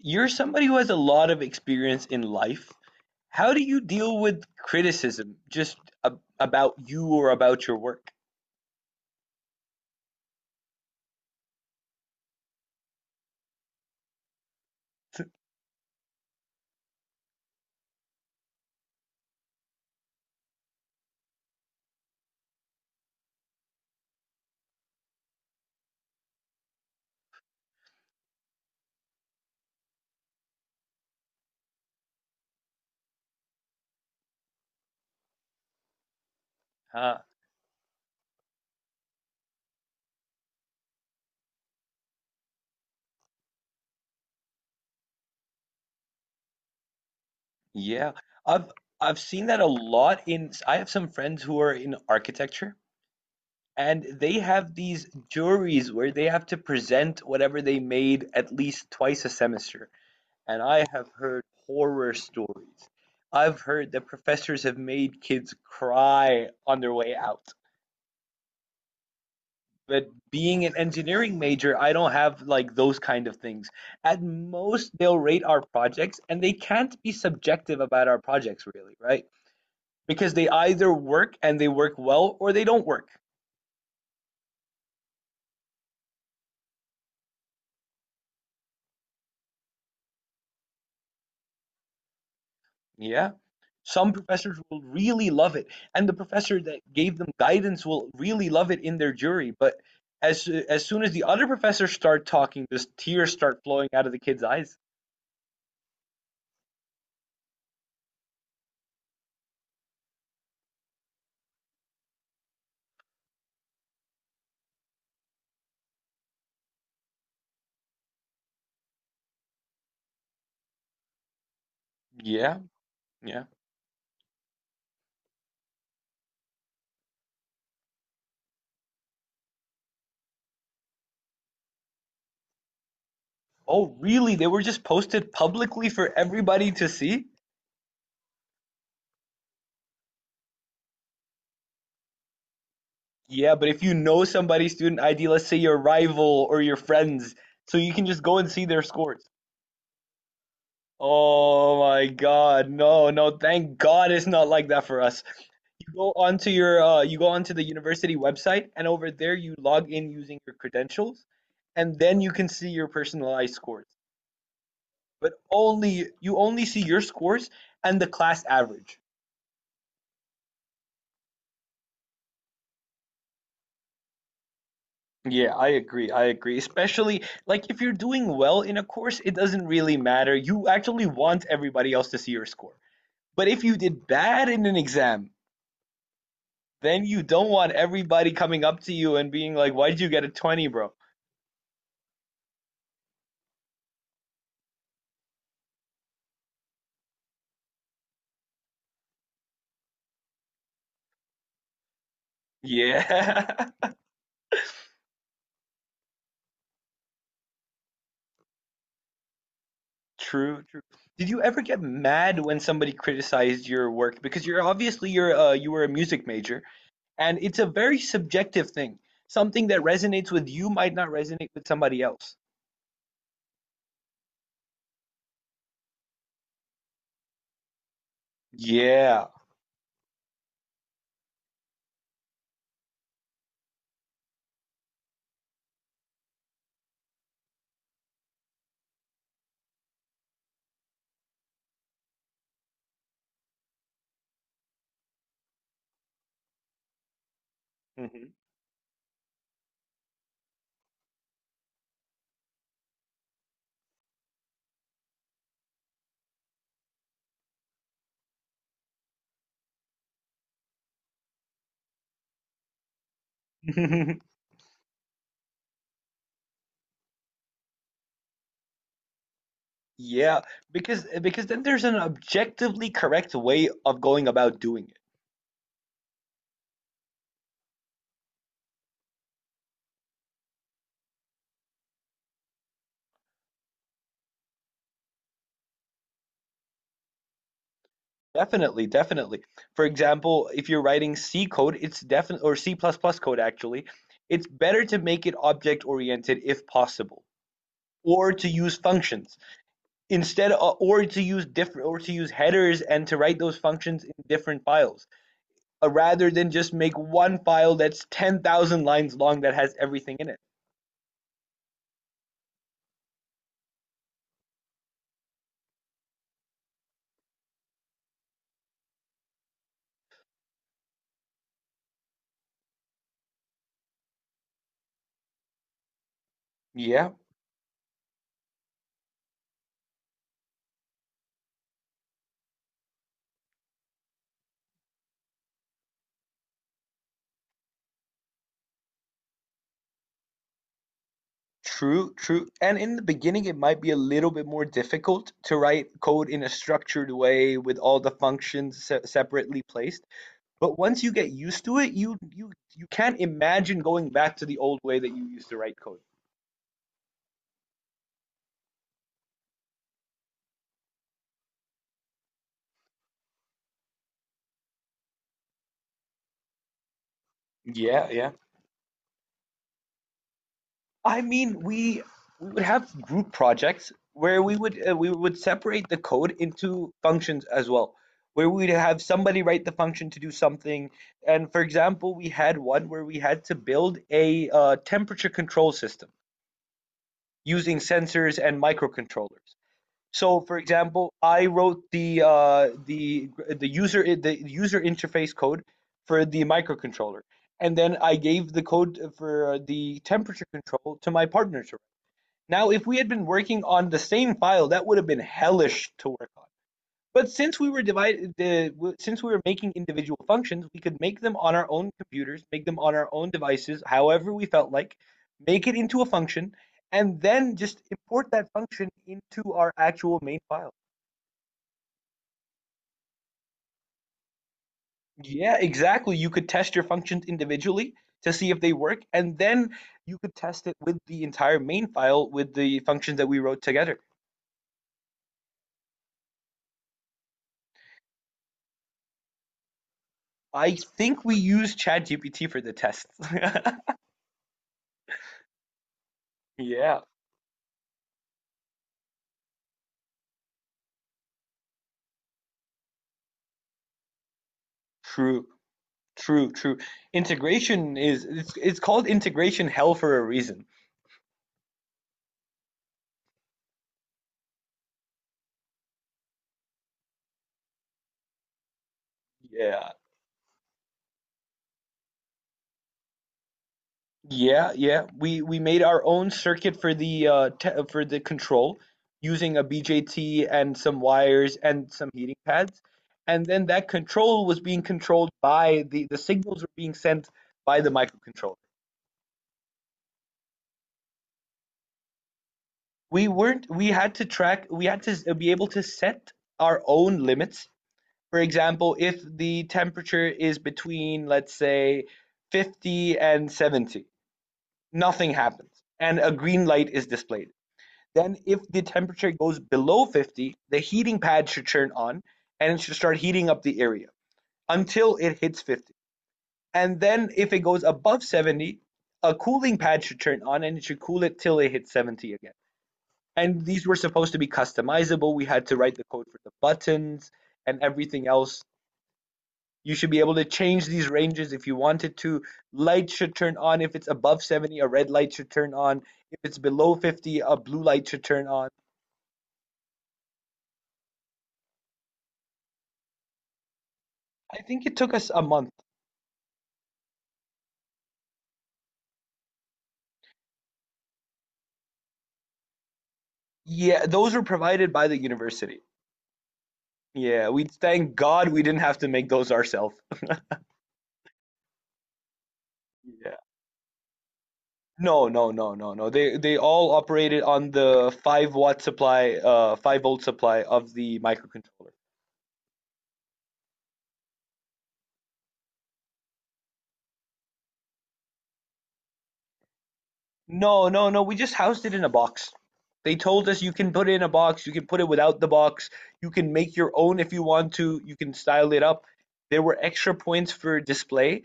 You're somebody who has a lot of experience in life. How do you deal with criticism just a about you or about your work? Huh. Yeah. I've I've seen that a lot in I have some friends who are in architecture, and they have these juries where they have to present whatever they made at least twice a semester, and I have heard horror stories. I've heard that professors have made kids cry on their way out. But being an engineering major, I don't have like those kind of things. At most, they'll rate our projects, and they can't be subjective about our projects, really, right? Because they either work and they work well, or they don't work. Yeah. Some professors will really love it, and the professor that gave them guidance will really love it in their jury. But as soon as the other professors start talking, just tears start flowing out of the kids' eyes. Yeah. Yeah. Oh, really? They were just posted publicly for everybody to see? Yeah, but if you know somebody's student ID, let's say your rival or your friends, so you can just go and see their scores. Oh my God, no, no, thank God it's not like that for us. You go onto your you go onto the university website, and over there you log in using your credentials, and then you can see your personalized scores. But only you only see your scores and the class average. Yeah, I agree. I agree. Especially like if you're doing well in a course, it doesn't really matter. You actually want everybody else to see your score. But if you did bad in an exam, then you don't want everybody coming up to you and being like, "Why did you get a 20, bro?" Yeah. True, true. Did you ever get mad when somebody criticized your work? Because you're obviously you were a music major, and it's a very subjective thing. Something that resonates with you might not resonate with somebody else. Yeah. Yeah, because because then there's an objectively correct way of going about doing it. Definitely, definitely. For example, if you're writing C code, it's definitely or C++ plus plus code actually, it's better to make it object oriented if possible, or to use functions or to use headers and to write those functions in different files, rather than just make one file that's 10,000 lines long that has everything in it. Yeah. True, true. And in the beginning, it might be a little bit more difficult to write code in a structured way with all the functions separately placed. But once you get used to it, you can't imagine going back to the old way that you used to write code. Yeah, yeah. I mean, we would have group projects where we would separate the code into functions as well, where we'd have somebody write the function to do something. And for example, we had one where we had to build a temperature control system using sensors and microcontrollers. So, for example, I wrote the the user interface code for the microcontroller, and then I gave the code for the temperature control to my partner. Now, if we had been working on the same file, that would have been hellish to work on. But since we were making individual functions, we could make them on our own computers, make them on our own devices, however we felt like, make it into a function, and then just import that function into our actual main file. Yeah, exactly. You could test your functions individually to see if they work, and then you could test it with the entire main file with the functions that we wrote together. I think we used ChatGPT for the test. Yeah, true, true, true. Integration is it's called integration hell for a reason. Yeah. Yeah, yeah. We made our own circuit for the te for the control using a BJT and some wires and some heating pads. And then that control was being controlled by the signals were being sent by the microcontroller. We weren't we had to track We had to be able to set our own limits. For example, if the temperature is between, let's say, 50 and 70, nothing happens and a green light is displayed. Then, if the temperature goes below 50, the heating pad should turn on and it should start heating up the area until it hits 50. And then, if it goes above 70, a cooling pad should turn on and it should cool it till it hits 70 again. And these were supposed to be customizable. We had to write the code for the buttons and everything else. You should be able to change these ranges if you wanted to. Light should turn on if it's above 70, a red light should turn on. If it's below 50, a blue light should turn on. I think it took us a month. Yeah, those were provided by the university. Yeah, we thank God we didn't have to make those ourselves. Yeah. No, no, no, no, no. They all operated on the 5-watt supply, 5-volt supply of the microcontroller. No, no, no. We just housed it in a box. They told us you can put it in a box, you can put it without the box, you can make your own if you want to, you can style it up. There were extra points for display,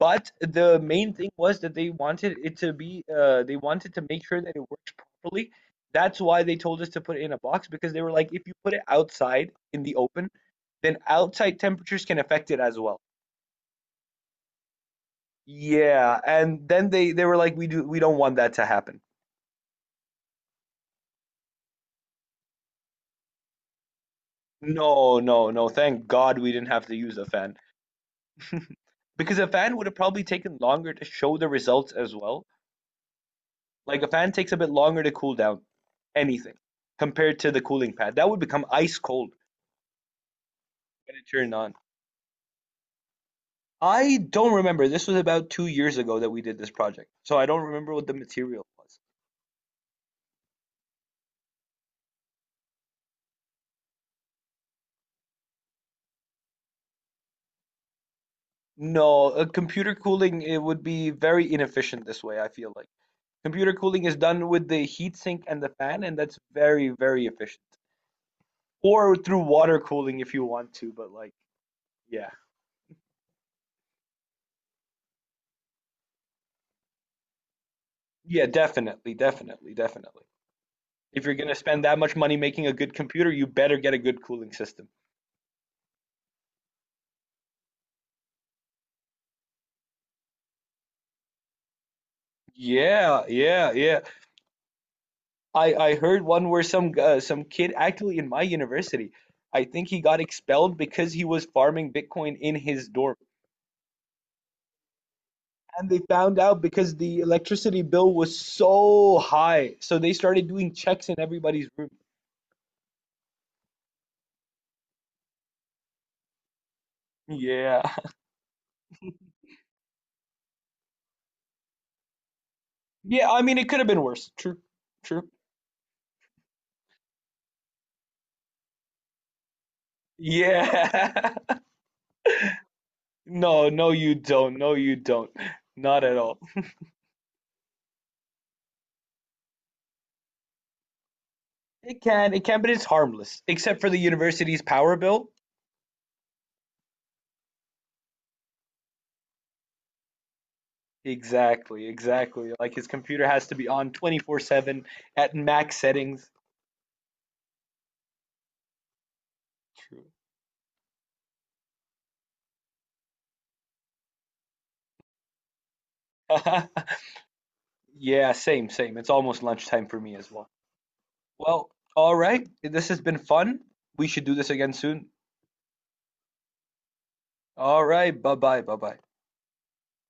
but the main thing was that they wanted it to be, they wanted to make sure that it works properly. That's why they told us to put it in a box because they were like, if you put it outside in the open, then outside temperatures can affect it as well. Yeah, and then they were like, we don't want that to happen. No, no, no. Thank God we didn't have to use a fan because a fan would have probably taken longer to show the results as well. Like a fan takes a bit longer to cool down anything compared to the cooling pad. That would become ice cold when it turned on. I don't remember. This was about 2 years ago that we did this project, so I don't remember what the material was. No, computer cooling it would be very inefficient this way, I feel like. Computer cooling is done with the heat sink and the fan, and that's very, very efficient. Or through water cooling if you want to, but like, yeah. Yeah, definitely, definitely, definitely. If you're gonna spend that much money making a good computer, you better get a good cooling system. Yeah, yeah, yeah. I heard one where some kid actually in my university, I think he got expelled because he was farming Bitcoin in his dorm. And they found out because the electricity bill was so high, so they started doing checks in everybody's room. Yeah. Yeah, I mean it could have been worse. True. True. Yeah. No, no, you don't. No, you don't. Not at all. It can, but it's harmless, except for the university's power bill. Exactly, exactly. Like his computer has to be on 24/7 at max settings. True. Yeah, same, same. It's almost lunchtime for me as well. Well, all right. This has been fun. We should do this again soon. All right. Bye-bye. Bye-bye.